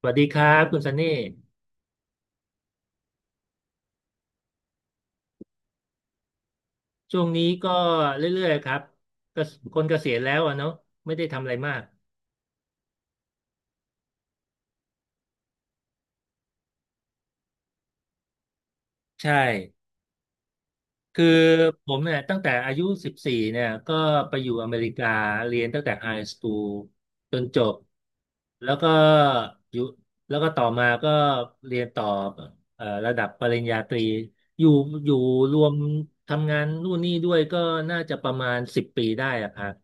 สวัสดีครับคุณซันนี่ช่วงนี้ก็เรื่อยๆครับก็คนเกษียณแล้วอะเนาะไม่ได้ทำอะไรมากใช่คือผมเนี่ยตั้งแต่อายุ14เนี่ยก็ไปอยู่อเมริกาเรียนตั้งแต่ไฮสคูลจนจบแล้วก็อยู่แล้วก็ต่อมาก็เรียนต่อระดับปริญญาตรีอยู่อยู่รวมทำงานนู่นนี่ด้วยก็น่าจะประมาณ10 ปีได้อะครับ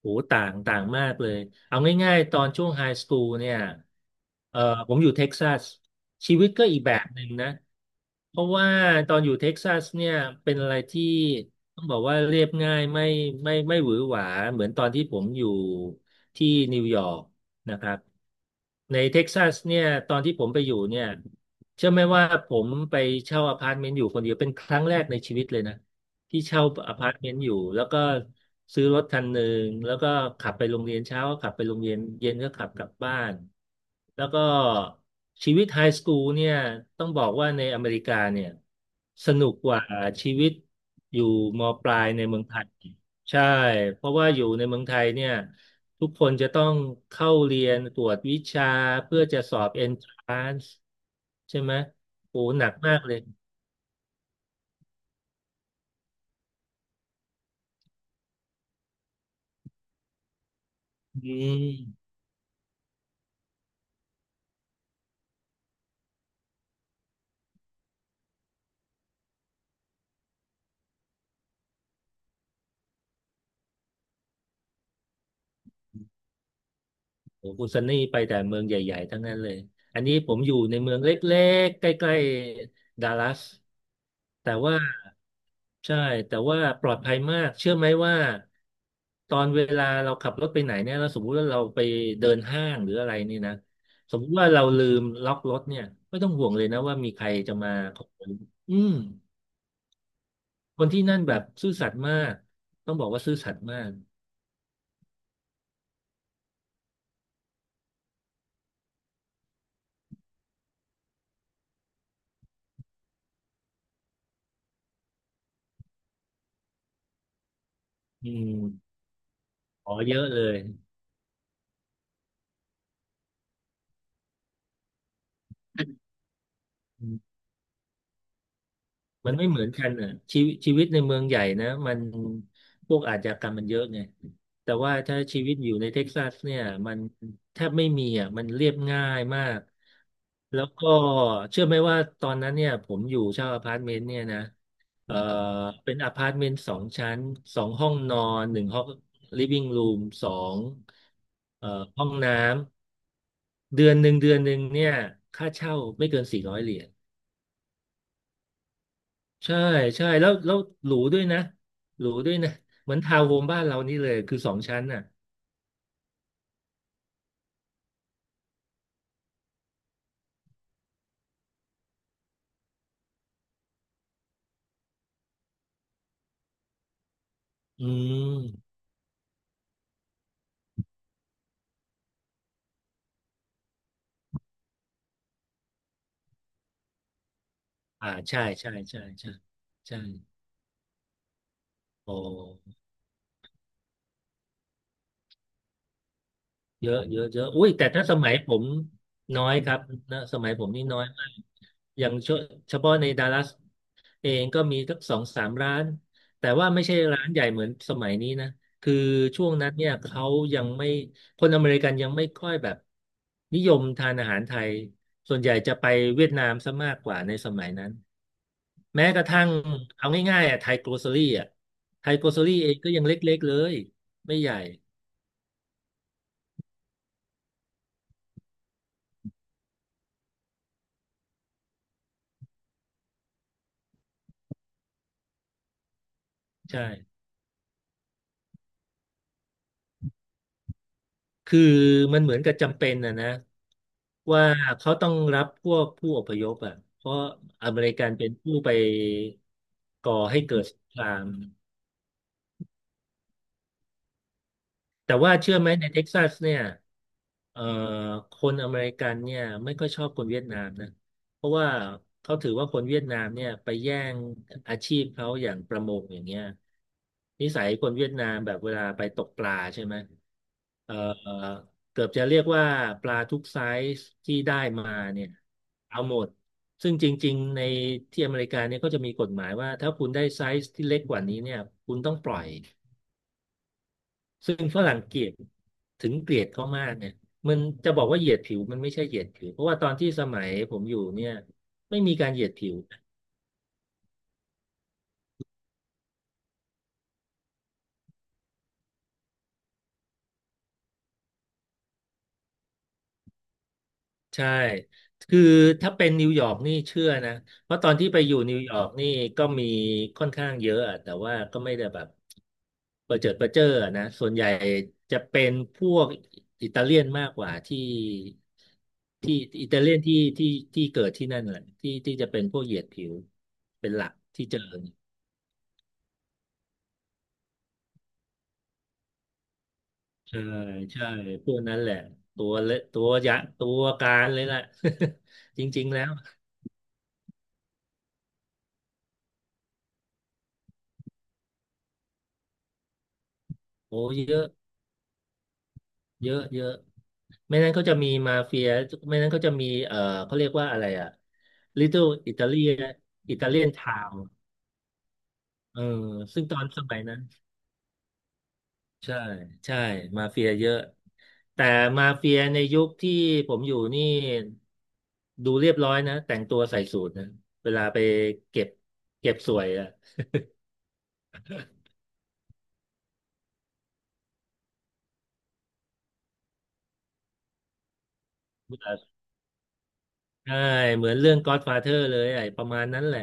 โอ้ต่างต่างมากเลยเอาง่ายๆตอนช่วงไฮสคูลเนี่ยเอ่อผมอยู่เท็กซัสชีวิตก็อีกแบบหนึ่งนะเพราะว่าตอนอยู่เท็กซัสเนี่ยเป็นอะไรที่ต้องบอกว่าเรียบง่ายไม่ไม่หวือหวาเหมือนตอนที่ผมอยู่ที่นิวยอร์กนะครับในเท็กซัสเนี่ยตอนที่ผมไปอยู่เนี่ยเชื่อไหมว่าผมไปเช่าอพาร์ตเมนต์อยู่คนเดียวเป็นครั้งแรกในชีวิตเลยนะ ที่เช่าอพาร์ตเมนต์อยู่แล้วก็ซื้อรถคันหนึ่งแล้วก็ขับไปโรงเรียนเช้าก็ขับไปโรงเรียนเย็นก็ขับกลับบ้านแล้วก็ชีวิตไฮสคูลเนี่ยต้องบอกว่าในอเมริกาเนี่ยสนุกกว่าชีวิตอยู่มปลายในเมืองไทยใช่เพราะว่าอยู่ในเมืองไทยเนี่ยทุกคนจะต้องเข้าเรียนตรวจวิชาเพื่อจะสอบ Entrance ใช่ไหมโอ้หนักมากเลยอืม โอ้โหคุณซันนี่ไปแต่เมืองใหญ่ๆทั้งนั้นเลยอันนี้ผมอยู่ในเมืองเล็กๆใกล้ๆดัลลัสแต่ว่าใช่แต่ว่าปลอดภัยมากเชื่อไหมว่าตอนเวลาเราขับรถไปไหนเนี่ยเราสมมุติว่าเราไปเดินห้างหรืออะไรนี่นะสมมุติว่าเราลืมล็อกรถเนี่ยไม่ต้องห่วงเลยนะว่ามีใครจะมาขโมยอืมคนที่นั่นแบบซื่อสัตย์มากต้องบอกว่าซื่อสัตย์มากอืมขอเยอะเลย มันไม่เหมือนกันอ่ะชีวิตชีวิตในเมืองใหญ่นะมันพวกอาชญากรรมมันเยอะไงแต่ว่าถ้าชีวิตอยู่ในเท็กซัสเนี่ยมันแทบไม่มีอ่ะมันเรียบง่ายมากแล้วก็เชื่อไหมว่าตอนนั้นเนี่ยผมอยู่เช่าอพาร์ตเมนต์เนี่ยนะเอ่อเป็นอพาร์ตเมนต์สองชั้น2 ห้องนอนหนึ่งห้องลิฟวิ่งรูมสองเอ่อห้องน้ำเดือนหนึ่งเดือนหนึ่งเนี่ยค่าเช่าไม่เกิน400 เหรียญ ใช่ใช่แล้วหรูด้วยนะหรูด้วยนะเหมือนทาวน์โฮมบ้านเรานี่เลยคือสองชั้นน่ะอืมอ่าใช่ใช่ใช่ใช่ใช่โอ้ เยอะเยอะเยอะอุ้ยแต่ถ้าสมัยผมน้อยครับนะสมัยผมนี่น้อยมากอย่างเฉพาะในดัลลัสเองก็มีสัก2-3 ร้านแต่ว่าไม่ใช่ร้านใหญ่เหมือนสมัยนี้นะคือช่วงนั้นเนี่ยเขายังไม่คนอเมริกันยังไม่ค่อยแบบนิยมทานอาหารไทยส่วนใหญ่จะไปเวียดนามซะมากกว่าในสมัยนั้นแม้กระทั่งเอาง่ายๆอ่ะไทยโกลเซอรี่อ่ะไทยโกลเซอรี่เองก็ยังเล็กๆเลยไม่ใหญ่ใช่ คือมันเหมือนกับจำเป็นนะว่าเขาต้องรับพวกผู้อพยพอ่ะเพราะอเมริกันเป็นผู้ไปก่อให้เกิดสงคราม แต่ว่าเชื่อไหมในเท็กซัสเนี่ยเอ่อคนอเมริกันเนี่ยไม่ค่อยชอบคนเวียดนามนะเพราะว่าเขาถือว่าคนเวียดนามเนี่ยไปแย่งอาชีพเขาอย่างประมงอย่างเงี้ยนิสัยคนเวียดนามแบบเวลาไปตกปลาใช่ไหมเอ่อเกือบจะเรียกว่าปลาทุกไซส์ที่ได้มาเนี่ยเอาหมดซึ่งจริงๆในที่อเมริกาเนี่ยก็จะมีกฎหมายว่าถ้าคุณได้ไซส์ที่เล็กกว่านี้เนี่ยคุณต้องปล่อย ซึ่งฝรั่งเกลียดถึงเกลียดเขามากเนี่ยมันจะบอกว่าเหยียดผิวมันไม่ใช่เหยียดผิวเพราะว่าตอนที่สมัยผมอยู่เนี่ยไม่มีการเหยียดผิวใช่คือถ้าเป็นนิวยอร์กนี่เชื่อนะเพราะตอนที่ไปอยู่นิวยอร์กนี่ก็มีค่อนข้างเยอะอะแต่ว่าก็ไม่ได้แบบประเจิดประเจ้ออะนะส่วนใหญ่จะเป็นพวกอิตาเลียนมากกว่าที่อิตาเลียนที่ที่เกิดที่นั่นแหละที่ที่จะเป็นพวกเหยียดผิวเป็นหลักที่เจอ ใช่ใช่พวกนั้นแหละตัวเละตัวยักษ์ตัวการเลยแหละ จริงๆแล้วโอ้เยอะเยอะเยอะไม่นั้นก็จะมีมาเฟียไม่นั้นก็จะมีเขาเรียกว่าอะไรอะ Little Italy อิตาเลียนทาวเออซึ่งตอนสมัยนั้นใช่ใช่มาเฟียเยอะแต่มาเฟียในยุคที่ผมอยู่นี่ดูเรียบร้อยนะแต่งตัวใส่สูทนะเวลาไปเก็บเก็บสวยอะ ใช่เหมือนเรื่อง Godfather เลยไอ้ประมาณนั้นแหละ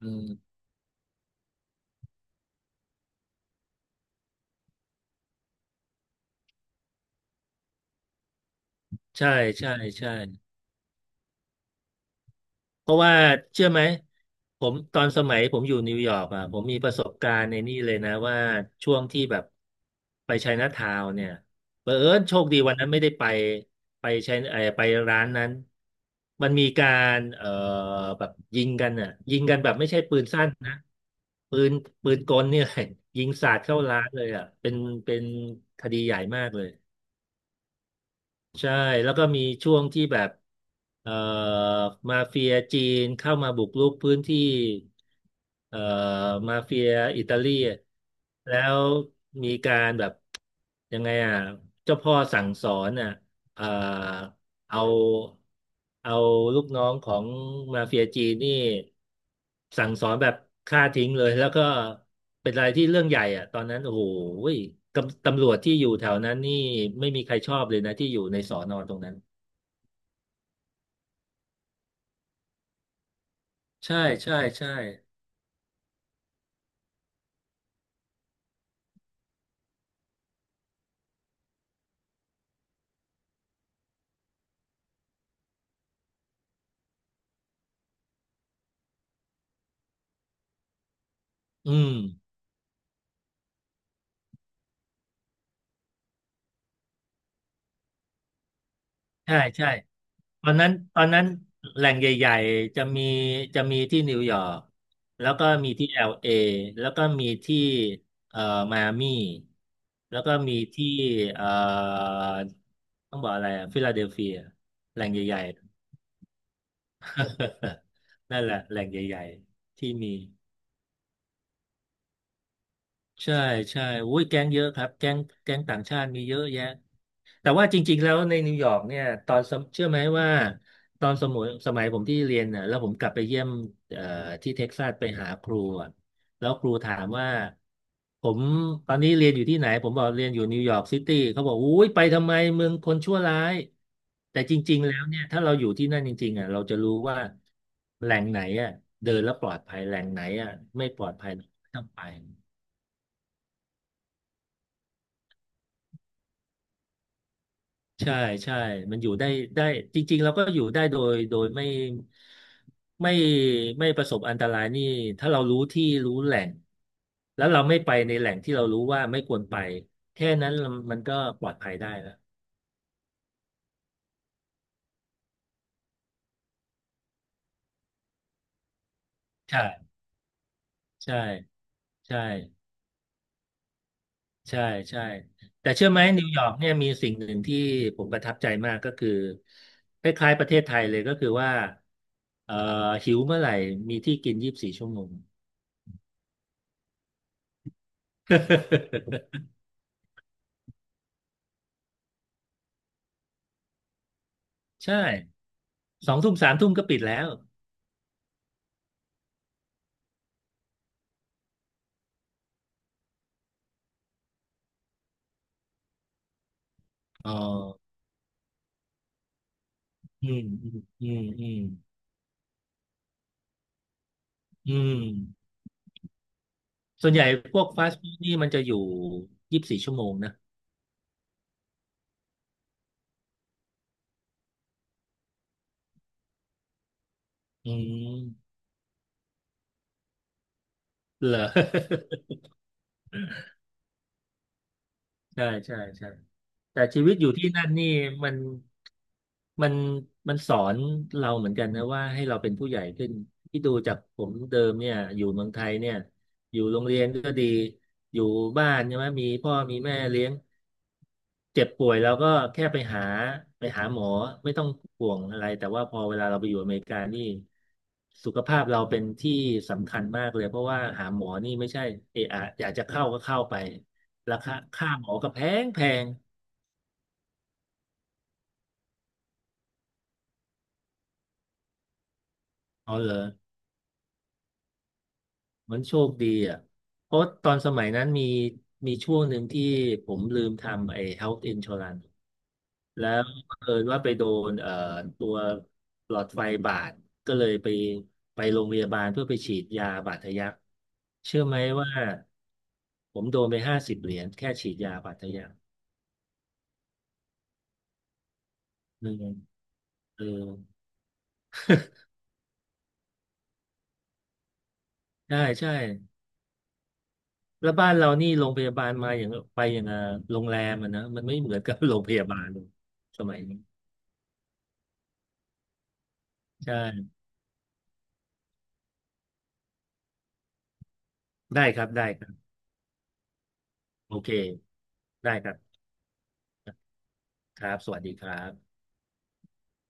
อืมใช่ใช่ใช่เพราะว่าเชื่อไหมผมตอนสมัยผมอยู่นิวยอร์กอ่ะผมมีประสบการณ์ในนี่เลยนะว่าช่วงที่แบบไปไชน่าทาวน์เนี่ยเผอิญโชคดีวันนั้นไม่ได้ไปไปไชไอ้ไปร้านนั้นมันมีการแบบยิงกันอ่ะยิงกันแบบไม่ใช่ปืนสั้นนะปืนปืนกลเนี่ยแหละยิงสาดเข้าร้านเลยอ่ะเป็นคดีใหญ่มากเลย ใช่แล้วก็มีช่วงที่แบบเอ่อมาเฟียจีนเข้ามาบุกรุกพื้นที่เอ่อมาเฟียอิตาลีอะแล้วมีการแบบยังไงอ่ะเจ้าพ่อสั่งสอนอ่ะเอ่อ เอาเอาลูกน้องของมาเฟียจีนนี่สั่งสอนแบบฆ่าทิ้งเลยแล้วก็เป็นอะไรที่เรื่องใหญ่อะตอนนั้นโอ้โหยตำรวจที่อยู่แถวนั้นนี่ไม่มีใครชอบเลยนะที่อยู่ในสอนอตรงนั้นใช่ใช่ใช่อืม ใช่ใช่ตอนนั้นแหล่งใหญ่ๆจะมีที่นิวยอร์กแล้วก็มีที่เอลเอแล้วก็มีที่เอ่อมายอามี่แล้วก็มีที่เอ่อต้องบอกอะไรอะฟิลาเดลเฟียแหล่งใหญ่ๆ นั่นแหละแหล่งใหญ่ๆที่มีใช่ใช่อุ้ยแก๊งเยอะครับแก๊งต่างชาติมีเยอะแยะ แต่ว่าจริงๆแล้วในนิวยอร์กเนี่ยตอนสมเชื่อไหมว่าตอนสมัยผมที่เรียนน่ะแล้วผมกลับไปเยี่ยมเอ่อที่เท็กซัสไปหาครูอะแล้วครูถามว่าผมตอนนี้เรียนอยู่ที่ไหนผมบอกเรียนอยู่นิวยอร์กซิตี้เขาบอกอุ้ยไปทำไมเมืองคนชั่วร้ายแต่จริงๆแล้วเนี่ยถ้าเราอยู่ที่นั่นจริงๆอ่ะเราจะรู้ว่าแหล่งไหนอ่ะเดินแล้วปลอดภัยแหล่งไหนอ่ะไม่ปลอดภัยต้องไป ใช่ใช่มันอยู่ได้จริงๆเราก็อยู่ได้โดยไม่ไม่ประสบอันตรายนี่ถ้าเรารู้ที่รู้แหล่งแล้วเราไม่ไปในแหล่งที่เรารู้ว่าไม่ควรไปแค่นั้นมันก็ปลอดภัยได้แล้วใช่ใช่ใช่ใช่ใช่แต่เชื่อไหมนิวยอร์กเนี่ยมีสิ่งหนึ่งที่ผมประทับใจมากก็คือคล้ายๆประเทศไทยเลยก็คือว่าเอ่อหิวเมื่อไหร่มีที่กินยี่สิบสี่ชั่วโมง ใช่2 ทุ่ม 3 ทุ่มก็ปิดแล้วอ๋ออืมอืมอืมอืมส่วนใหญ่พวกฟาสต์ฟู้ดนี่มันจะอยู่ยี่สิบสี่ชั่วโมงนะอืมเหรอ ใช่ใช่ใช่ แต่ชีวิตอยู่ที่นั่นนี่มันมันมันสอนเราเหมือนกันนะว่าให้เราเป็นผู้ใหญ่ขึ้นที่ดูจากผมเดิมเนี่ยอยู่เมืองไทยเนี่ยอยู่โรงเรียนก็ดีอยู่บ้านใช่ไหมมีพ่อมีแม่เลี้ยงเจ็บป่วยเราก็แค่ไปหาหมอไม่ต้องห่วงอะไรแต่ว่าพอเวลาเราไปอยู่อเมริกานี่สุขภาพเราเป็นที่สำคัญมากเลยเพราะว่าหาหมอนี่ไม่ใช่เอะอะอยากจะเข้าก็เข้าไปราคาค่าหมอก็แพงแพง อ๋อเหรอมันโชคดีอ่ะเพราะตอนสมัยนั้นมีช่วงหนึ่งที่ผมลืมทำไอ้ health insurance แล้วเผอิญว่าไปโดนตัวหลอดไฟบาดก็เลยไปโรงพยาบาลเพื่อไปฉีดยาบาดทะยักเชื่อไหมว่าผมโดนไป50 เหรียญแค่ฉีดยาบาดทะยักหนึ่งเออใช่ใช่ แล้วบ้านเรานี่โรงพยาบาลมาอย่างไปอย่างอ่ะโรงแรมอ่ะนะมันไม่เหมือนกับ โรงพยาบาลสมัยนี้ใช่ ได้ครับได้ครับโอเคได้ครับครับสวัสดีครับ